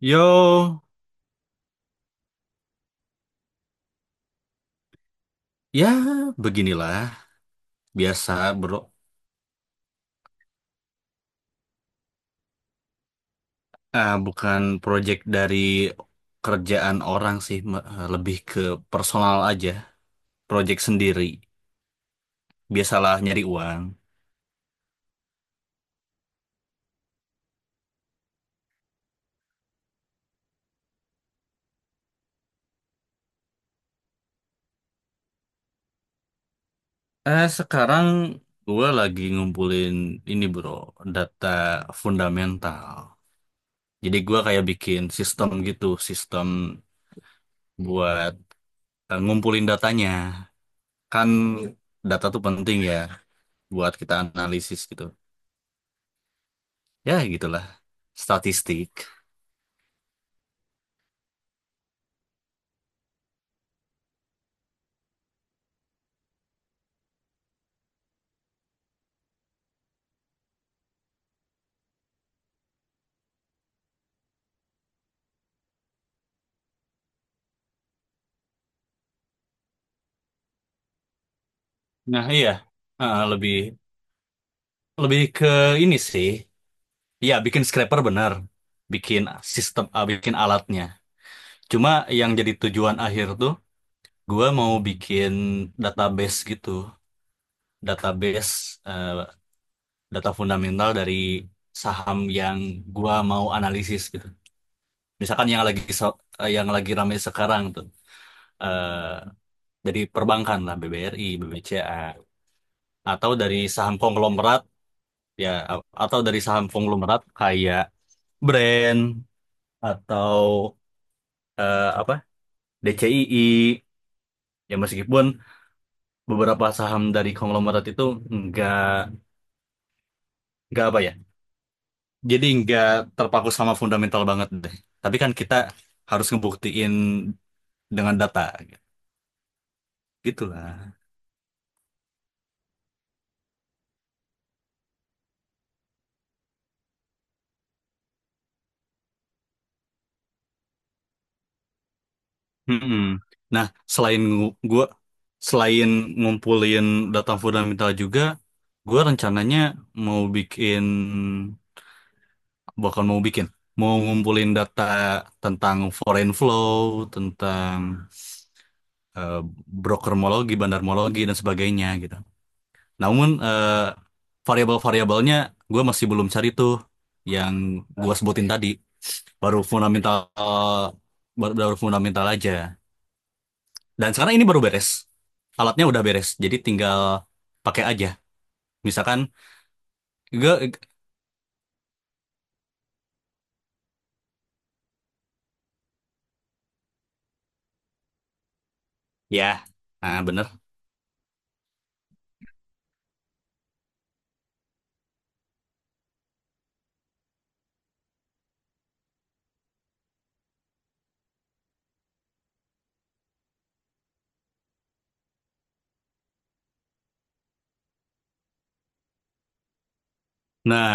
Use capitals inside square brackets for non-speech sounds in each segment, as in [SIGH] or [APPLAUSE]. Yo, ya beginilah biasa, bro. Ah, bukan project dari kerjaan orang sih, lebih ke personal aja, project sendiri. Biasalah nyari uang. Sekarang gue lagi ngumpulin ini, bro, data fundamental. Jadi gue kayak bikin sistem gitu, sistem buat ngumpulin datanya. Kan data tuh penting ya, buat kita analisis gitu. Ya gitulah, statistik. Nah, iya. Ah, lebih lebih ke ini sih. Ya, bikin scraper benar. Bikin bikin alatnya. Cuma yang jadi tujuan akhir tuh, gua mau bikin database gitu. Database eh, data fundamental dari saham yang gua mau analisis gitu. Misalkan yang lagi ramai sekarang tuh. eh dari perbankan lah, BBRI, BBCA. Atau dari saham konglomerat ya atau dari saham konglomerat kayak brand atau apa, DCII, ya meskipun beberapa saham dari konglomerat itu nggak nggak apa ya, jadi nggak terpaku sama fundamental banget deh, tapi kan kita harus ngebuktiin dengan data gitu lah. Mm-mm. Nah, selain gu- gua selain ngumpulin data fundamental juga, gua rencananya mau bikin bakal mau bikin mau ngumpulin data tentang foreign flow, tentang eh, brokermologi, bandarmologi, dan sebagainya gitu. Namun variabel-variabelnya gue masih belum cari tuh, yang gue sebutin tadi. Baru fundamental baru baru fundamental aja. Dan sekarang ini baru beres, alatnya udah beres, jadi tinggal pakai aja, misalkan. Gue, ya, bener. Nah,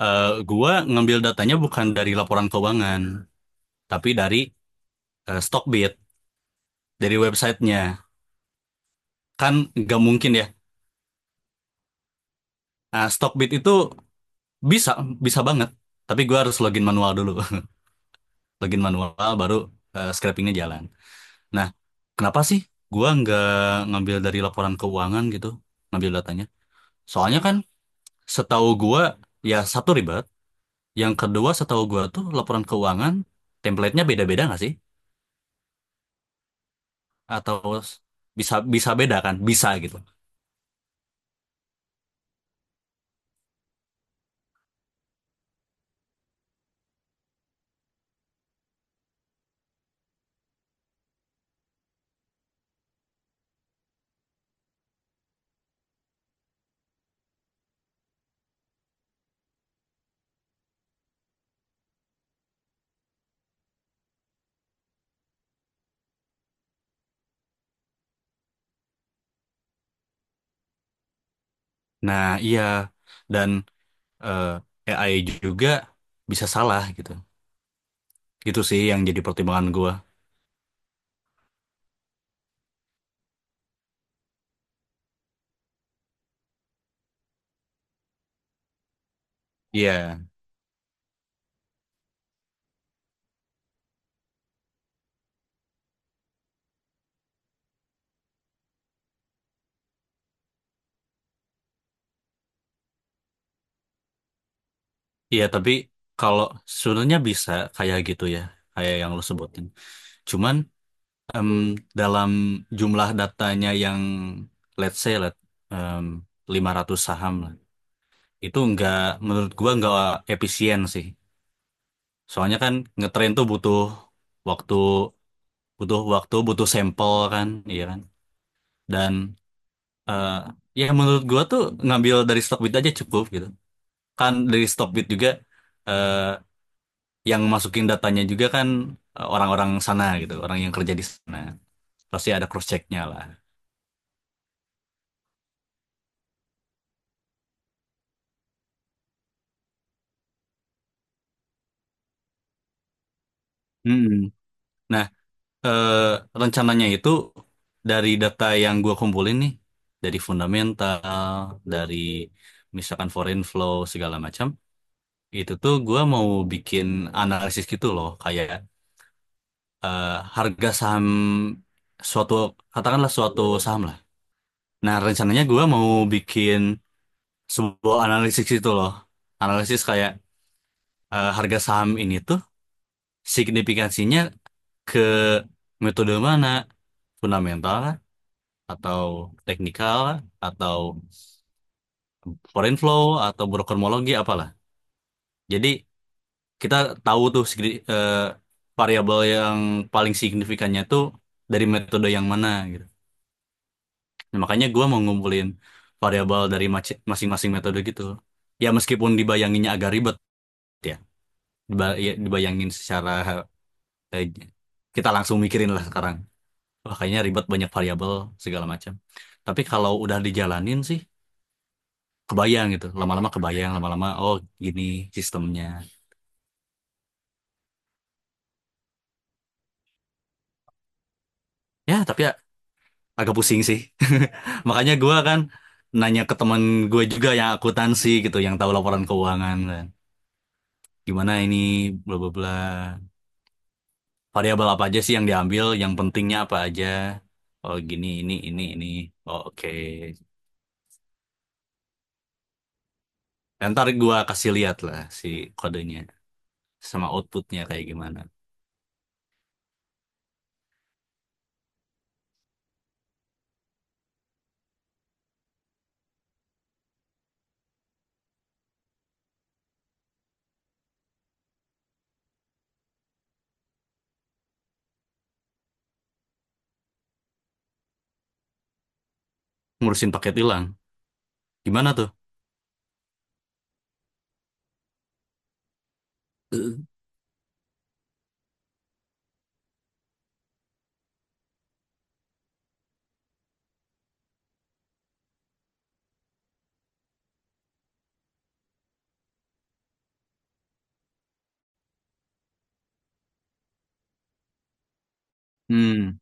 gua ngambil datanya bukan dari laporan keuangan, tapi dari Stockbit, dari websitenya. Kan nggak mungkin ya. Nah, Stockbit itu bisa, bisa banget. Tapi gua harus login manual dulu. [LAUGHS] Login manual, baru scrapingnya jalan. Nah, kenapa sih gua nggak ngambil dari laporan keuangan gitu, ngambil datanya? Soalnya kan setahu gua, ya, satu ribet. Yang kedua setahu gua tuh laporan keuangan, template-nya beda-beda nggak sih? Atau bisa bisa beda kan, bisa gitu. Nah, iya, dan AI juga bisa salah gitu. Gitu sih yang jadi pertimbangan gua. Iya, iya, tapi kalau sebenarnya bisa kayak gitu ya, kayak yang lo sebutin, cuman em, dalam jumlah datanya yang let's say em, 500 saham lah, itu nggak, menurut gua nggak efisien sih. Soalnya kan ngetrain tuh waktu butuh waktu, butuh sampel kan, iya kan. Dan eh, ya menurut gua tuh ngambil dari Stockbit aja cukup gitu. Kan dari Stockbit juga eh, yang masukin datanya juga kan orang-orang sana gitu, orang yang kerja di sana. Pasti ada cross checknya lah. Mm-mm. Nah, eh, rencananya itu dari data yang gua kumpulin nih, dari fundamental, dari misalkan foreign flow segala macam, itu tuh gua mau bikin analisis gitu loh, kayak eh, harga saham suatu, katakanlah suatu saham lah. Nah, rencananya gua mau bikin sebuah analisis itu loh. Analisis kayak harga saham ini tuh signifikansinya ke metode mana? Fundamental lah, atau teknikal lah, atau foreign flow, atau brokermologi apalah. Jadi kita tahu tuh variabel yang paling signifikannya tuh dari metode yang mana gitu. Nah, makanya gue mau ngumpulin variabel dari masing-masing metode gitu. Ya, meskipun dibayanginnya agak ribet ya, dibayangin secara, eh, kita langsung mikirin lah sekarang. Wah, kayaknya ribet, banyak variabel segala macam. Tapi kalau udah dijalanin sih kebayang gitu. Lama-lama kebayang, lama-lama, oh, gini sistemnya. Ya tapi ya agak pusing sih. [LAUGHS] Makanya gue kan nanya ke teman gue juga yang akuntansi gitu, yang tahu laporan keuangan kan. Gimana ini, bla bla bla. Variabel apa aja sih yang diambil? Yang pentingnya apa aja? Oh gini, ini, ini. Oh, oke. Ya, ntar gua kasih lihat lah si kodenya sama outputnya kayak gimana. Ngurusin paket hilang. Gimana tuh? Hmm.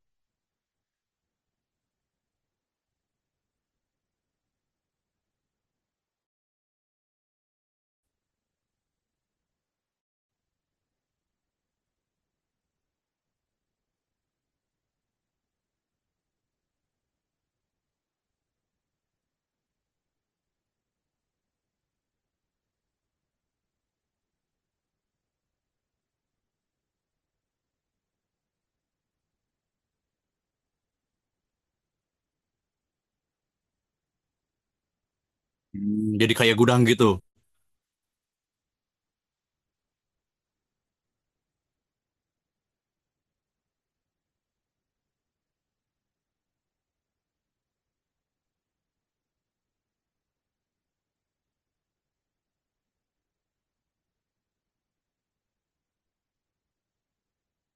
Hmm, jadi kayak gudang gitu.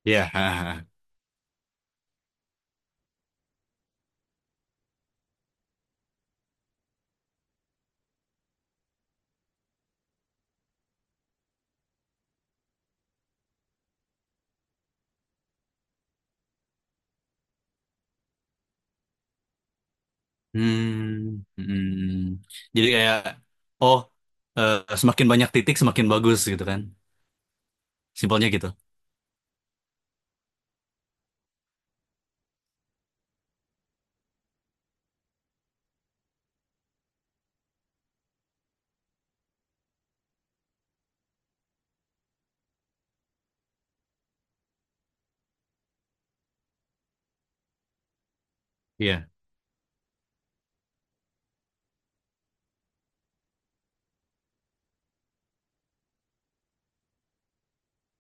Ya. Hahaha. [LAUGHS] Hmm. Hmm. Jadi kayak, oh, eh, semakin banyak titik semakin bagus gitu kan. Simpelnya gitu. Iya,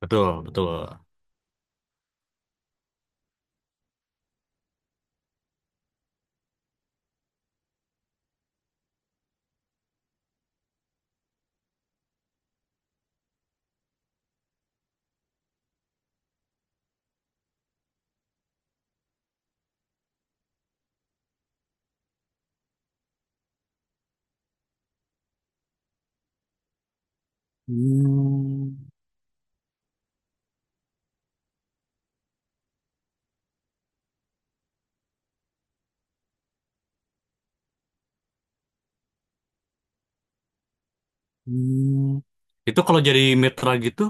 betul, betul. Hmm. Hmm. Itu kalau jadi mitra gitu.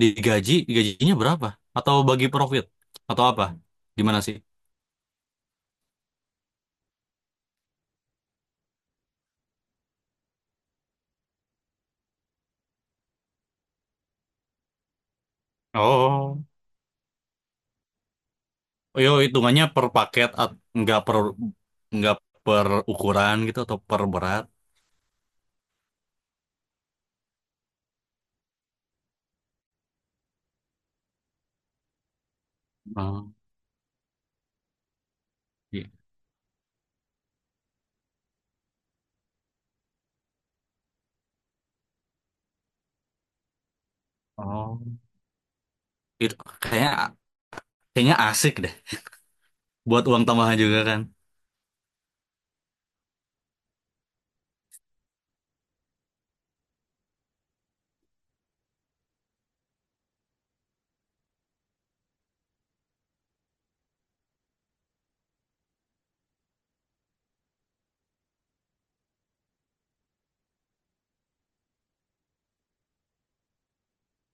Digaji, gajinya berapa? Atau bagi profit? Atau apa? Gimana sih? Oh, yo, hitungannya per paket, nggak per ukuran gitu, atau per berat? Oh, iya. Oh, itu kayaknya kayaknya asik deh, buat uang tambahan juga kan.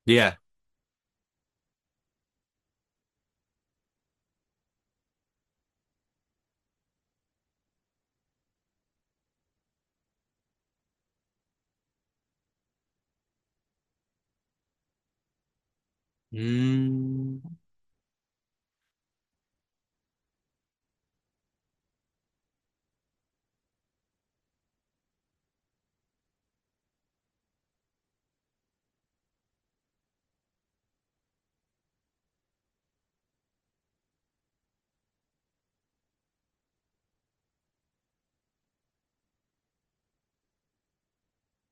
Iya. Hmm,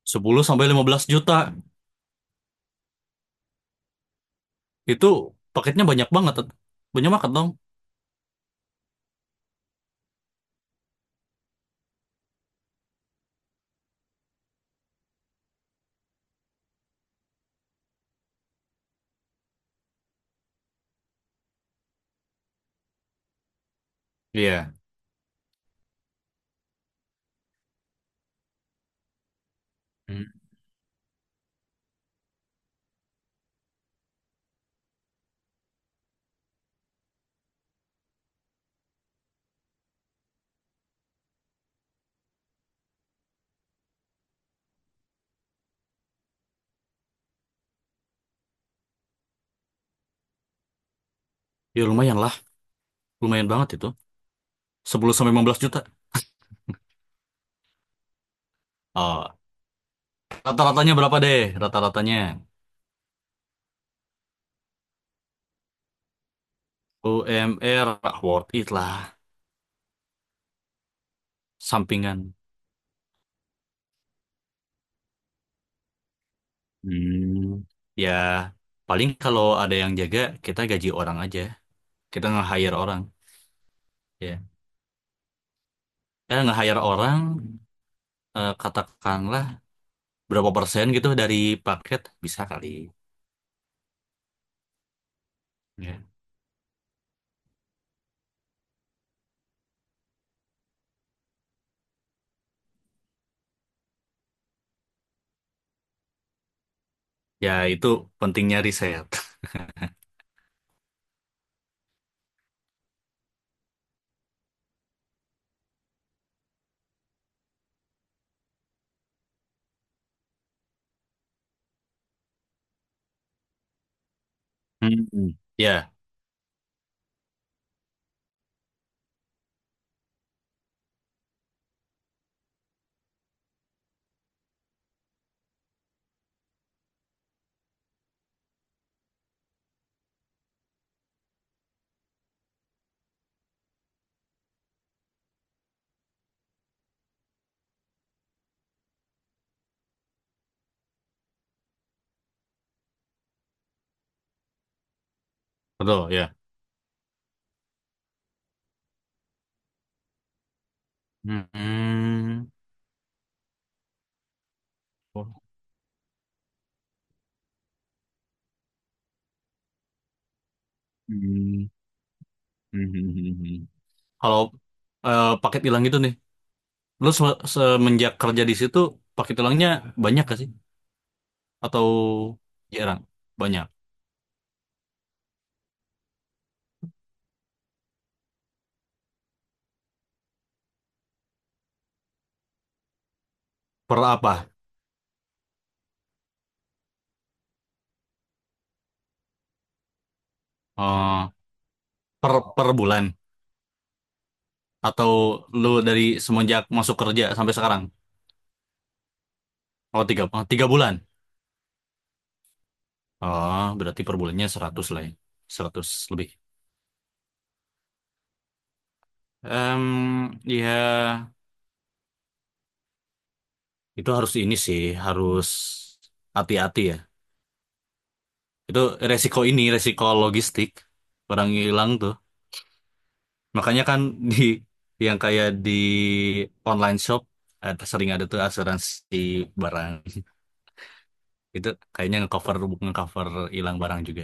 10 sampai 15 juta. Itu paketnya banyak banget. Banyak banget dong. Iya. Hmm. Ya lumayan lah, lumayan banget itu. 10 sampai 15 juta. Oh, rata-ratanya berapa deh? Rata-ratanya UMR. Worth it lah, sampingan. Hmm. Ya, paling kalau ada yang jaga, kita gaji orang aja. Kita nge-hire orang. Ya, nge-hire orang, katakanlah berapa persen gitu dari paket, bisa kali. Ya, ya, itu pentingnya riset. Hmm. Ya, betul ya. Hmm. Oh. Hmm. Hmm. Hmm. Kalau paket hilang gitu nih, lu semenjak kerja di situ pakai tulangnya banyak gak sih? Atau jarang? Banyak. Per apa? Eh, per per bulan? Atau lu dari semenjak masuk kerja sampai sekarang? Oh, tiga, oh, 3 bulan. Oh, berarti per bulannya 100 lah ya. 100 lebih. Em, ya itu harus ini sih, harus hati-hati ya. Itu resiko, ini resiko logistik. Barang hilang tuh. Makanya kan di yang kayak online shop ada, sering ada tuh asuransi barang. Itu kayaknya ngecover, ngecover hilang barang juga.